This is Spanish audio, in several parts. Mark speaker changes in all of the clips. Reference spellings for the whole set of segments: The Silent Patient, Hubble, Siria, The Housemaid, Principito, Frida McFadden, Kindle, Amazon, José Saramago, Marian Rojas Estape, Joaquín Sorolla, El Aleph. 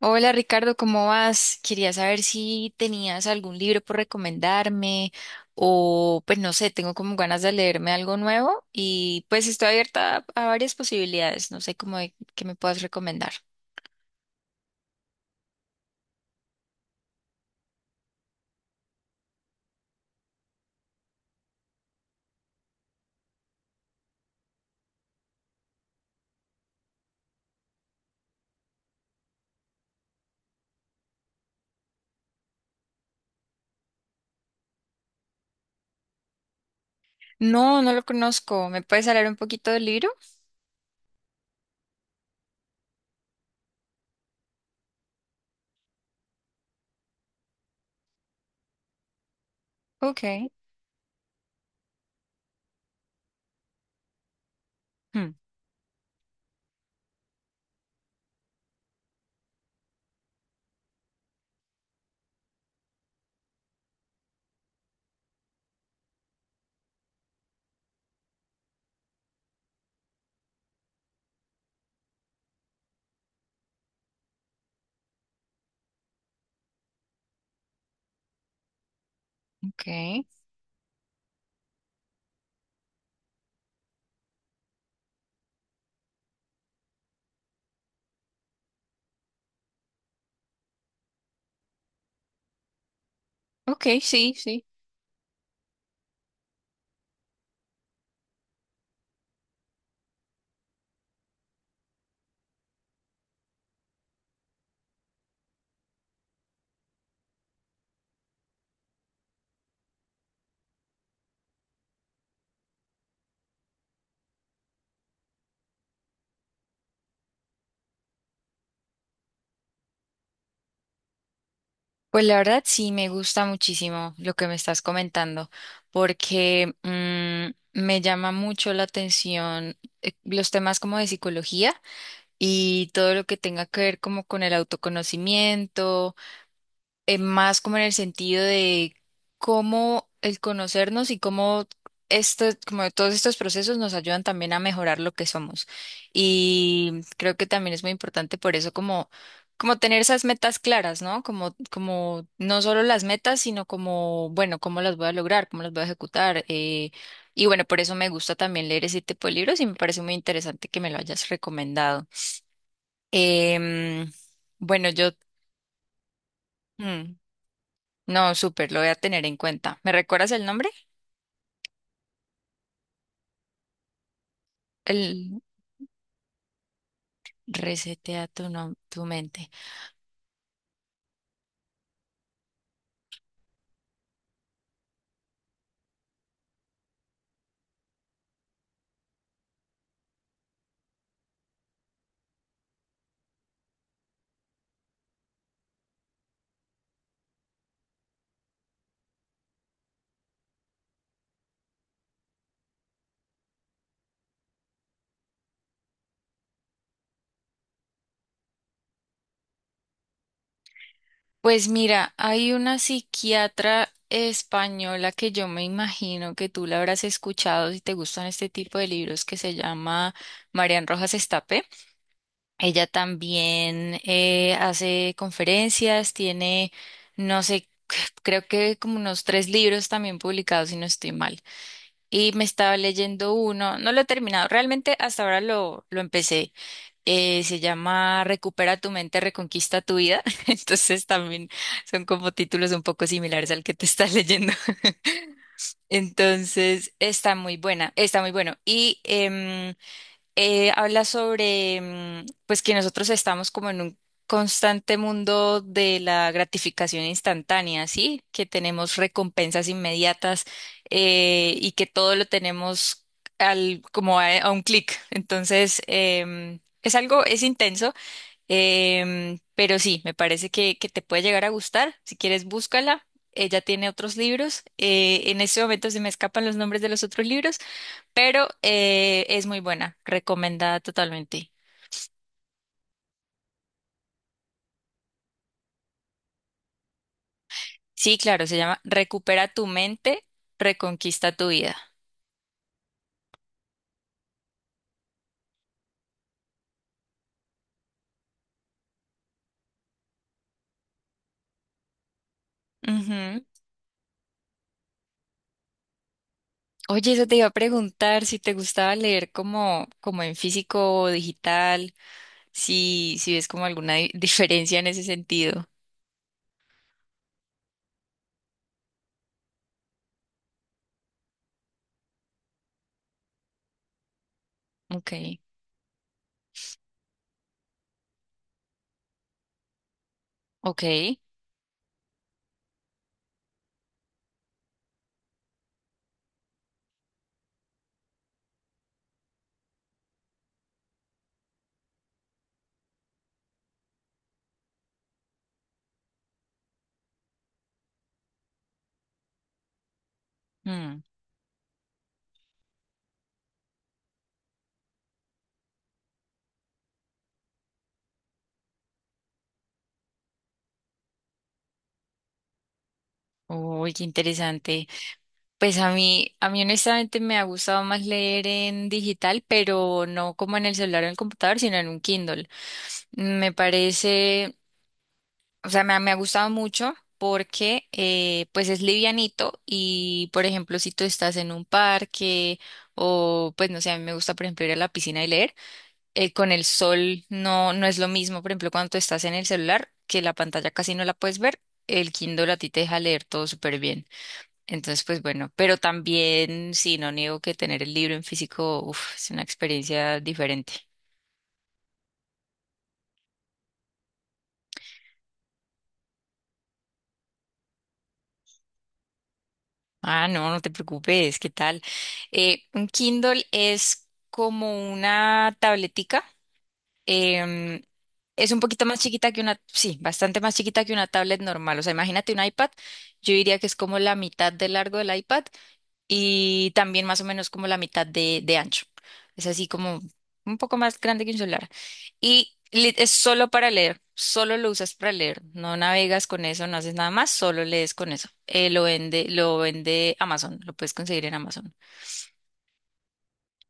Speaker 1: Hola Ricardo, ¿cómo vas? Quería saber si tenías algún libro por recomendarme o pues no sé, tengo como ganas de leerme algo nuevo y pues estoy abierta a varias posibilidades, no sé cómo qué me puedas recomendar. No, no lo conozco, ¿me puedes hablar un poquito del libro? Ok. Hmm. Ok, ok, sí, sí. Pues la verdad sí me gusta muchísimo lo que me estás comentando porque me llama mucho la atención los temas como de psicología. Y todo lo que tenga que ver como con el autoconocimiento, más como en el sentido de cómo el conocernos y cómo como todos estos procesos nos ayudan también a mejorar lo que somos. Y creo que también es muy importante por eso como, como tener esas metas claras, ¿no? Como, como no solo las metas, sino como, bueno, cómo las voy a lograr, cómo las voy a ejecutar. Y bueno, por eso me gusta también leer ese tipo de libros y me parece muy interesante que me lo hayas recomendado. Em, bueno, yo... mm, no, súper, lo voy a tener en cuenta. ¿Me recuerdas el nombre? El Resetea tu, tu mente. Pues mira, hay una psiquiatra española que yo me imagino que tú la habrás escuchado si te gustan este tipo de libros que se llama Marian Rojas Estape. Ella también hace conferencias, tiene, no sé, creo que como unos 3 libros también publicados, si no estoy mal. Y me estaba leyendo uno, no lo he terminado, realmente hasta ahora lo empecé. Se llama Recupera tu mente, reconquista tu vida. Entonces también son como títulos un poco similares al que te estás leyendo. Entonces está muy buena, está muy bueno. Y habla sobre pues que nosotros estamos como en un constante mundo de la gratificación instantánea, ¿sí? Que tenemos recompensas inmediatas y que todo lo tenemos al, como a un clic. Entonces, es algo, es intenso, pero sí, me parece que te puede llegar a gustar. Si quieres, búscala. Ella tiene otros libros. En este momento se me escapan los nombres de los otros libros, pero es muy buena, recomendada totalmente. Sí, claro, se llama Recupera tu mente, reconquista tu vida. Ujú. Oye, eso te iba a preguntar si te gustaba leer como, como en físico o digital, si, si ves como alguna diferencia en ese sentido. Ok, ok. Mm. Uy, qué interesante. Pues a mí honestamente me ha gustado más leer en digital, pero no como en el celular o en el computador, sino en un Kindle. Me parece, o sea, me ha gustado mucho porque pues es livianito y, por ejemplo, si tú estás en un parque o, pues no sé, a mí me gusta, por ejemplo, ir a la piscina y leer, con el sol no, no es lo mismo, por ejemplo, cuando tú estás en el celular, que la pantalla casi no la puedes ver, el Kindle a ti te deja leer todo súper bien. Entonces, pues bueno, pero también, sí, no niego que tener el libro en físico, uf, es una experiencia diferente. Ah, no, no te preocupes, ¿qué tal? Un Kindle es como una tabletica. Em, es un poquito más chiquita que una, sí, bastante más chiquita que una tablet normal. O sea, imagínate un iPad, yo diría que es como la mitad de largo del iPad y también más o menos como la mitad de ancho. Es así como un poco más grande que un celular. Y es solo para leer, solo lo usas para leer, no navegas con eso, no haces nada más, solo lees con eso. Lo vende Amazon, lo puedes conseguir en Amazon.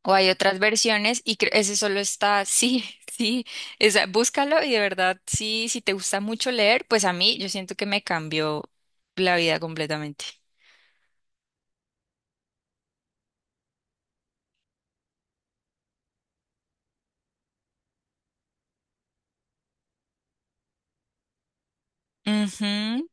Speaker 1: O hay otras versiones y ese solo está, sí, sí, esa, búscalo y de verdad, sí, si te gusta mucho leer, pues a mí yo siento que me cambió la vida completamente. Ujú.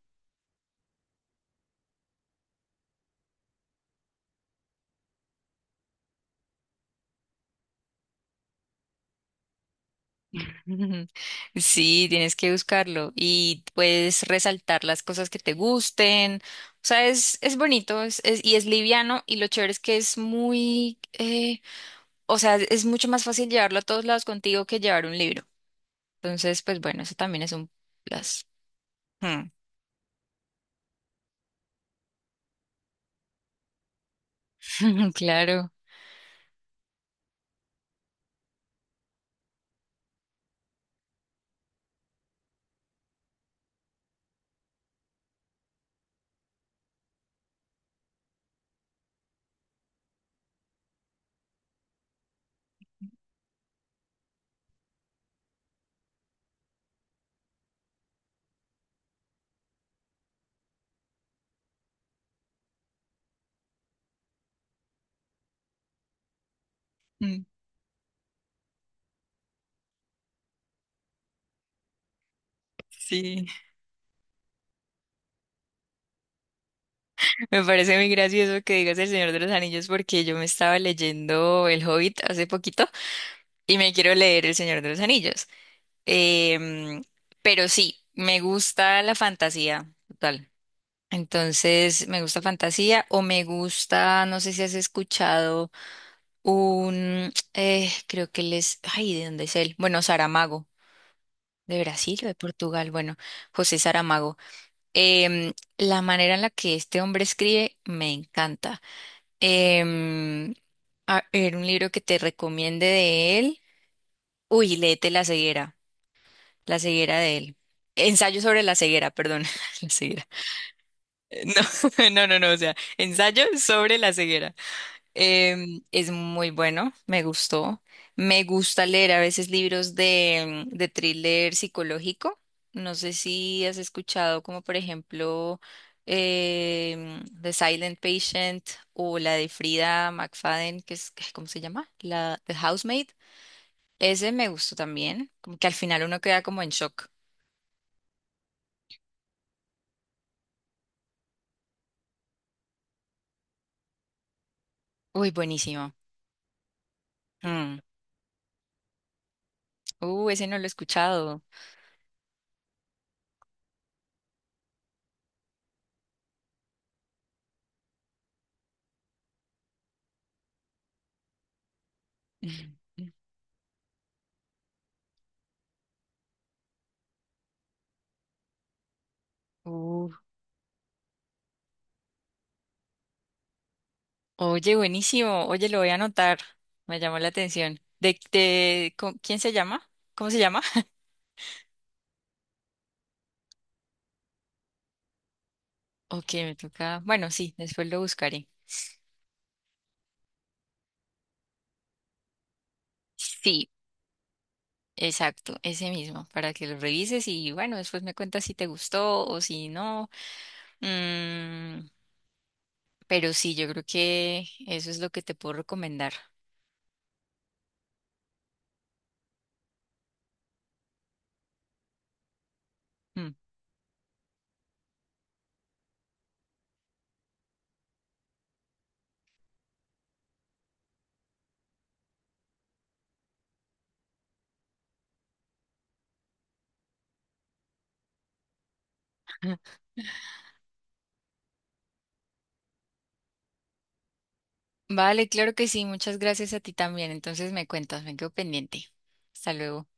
Speaker 1: Sí, tienes que buscarlo y puedes resaltar las cosas que te gusten. O sea, es bonito y es liviano y lo chévere es que es muy, o sea, es mucho más fácil llevarlo a todos lados contigo que llevar un libro. Entonces, pues bueno, eso también es un plus. Hmm. Claro, mm, sí. Me parece muy gracioso que digas El Señor de los Anillos porque yo me estaba leyendo El Hobbit hace poquito y me quiero leer El Señor de los Anillos. Em, pero sí, me gusta la fantasía, total. Entonces, me gusta fantasía o me gusta, no sé si has escuchado un, creo que él es, ay, ¿de dónde es él? Bueno, Saramago, de Brasil o de Portugal, bueno, José Saramago. Em, la manera en la que este hombre escribe me encanta. Em, a ver, un libro que te recomiende de él. Uy, léete La ceguera de él. Ensayo sobre la ceguera, perdón, la ceguera. No, no, no, no, o sea, ensayo sobre la ceguera. Es muy bueno, me gustó. Me gusta leer a veces libros de thriller psicológico. No sé si has escuchado como por ejemplo The Silent Patient o la de Frida McFadden, que es, ¿cómo se llama? La The Housemaid. Ese me gustó también, como que al final uno queda como en shock. Uy, buenísimo. Mm. Ese no lo he escuchado. Ujú. Oye, buenísimo. Oye, lo voy a anotar. Me llamó la atención. ¿De, quién se llama? ¿Cómo se llama? Ok, me toca. Bueno, sí, después lo buscaré. Sí, exacto, ese mismo, para que lo revises y bueno, después me cuentas si te gustó o si no. Mm, pero sí, yo creo que eso es lo que te puedo recomendar. Mm. Vale, claro que sí. Muchas gracias a ti también. Entonces me cuentas, me quedo pendiente. Hasta luego.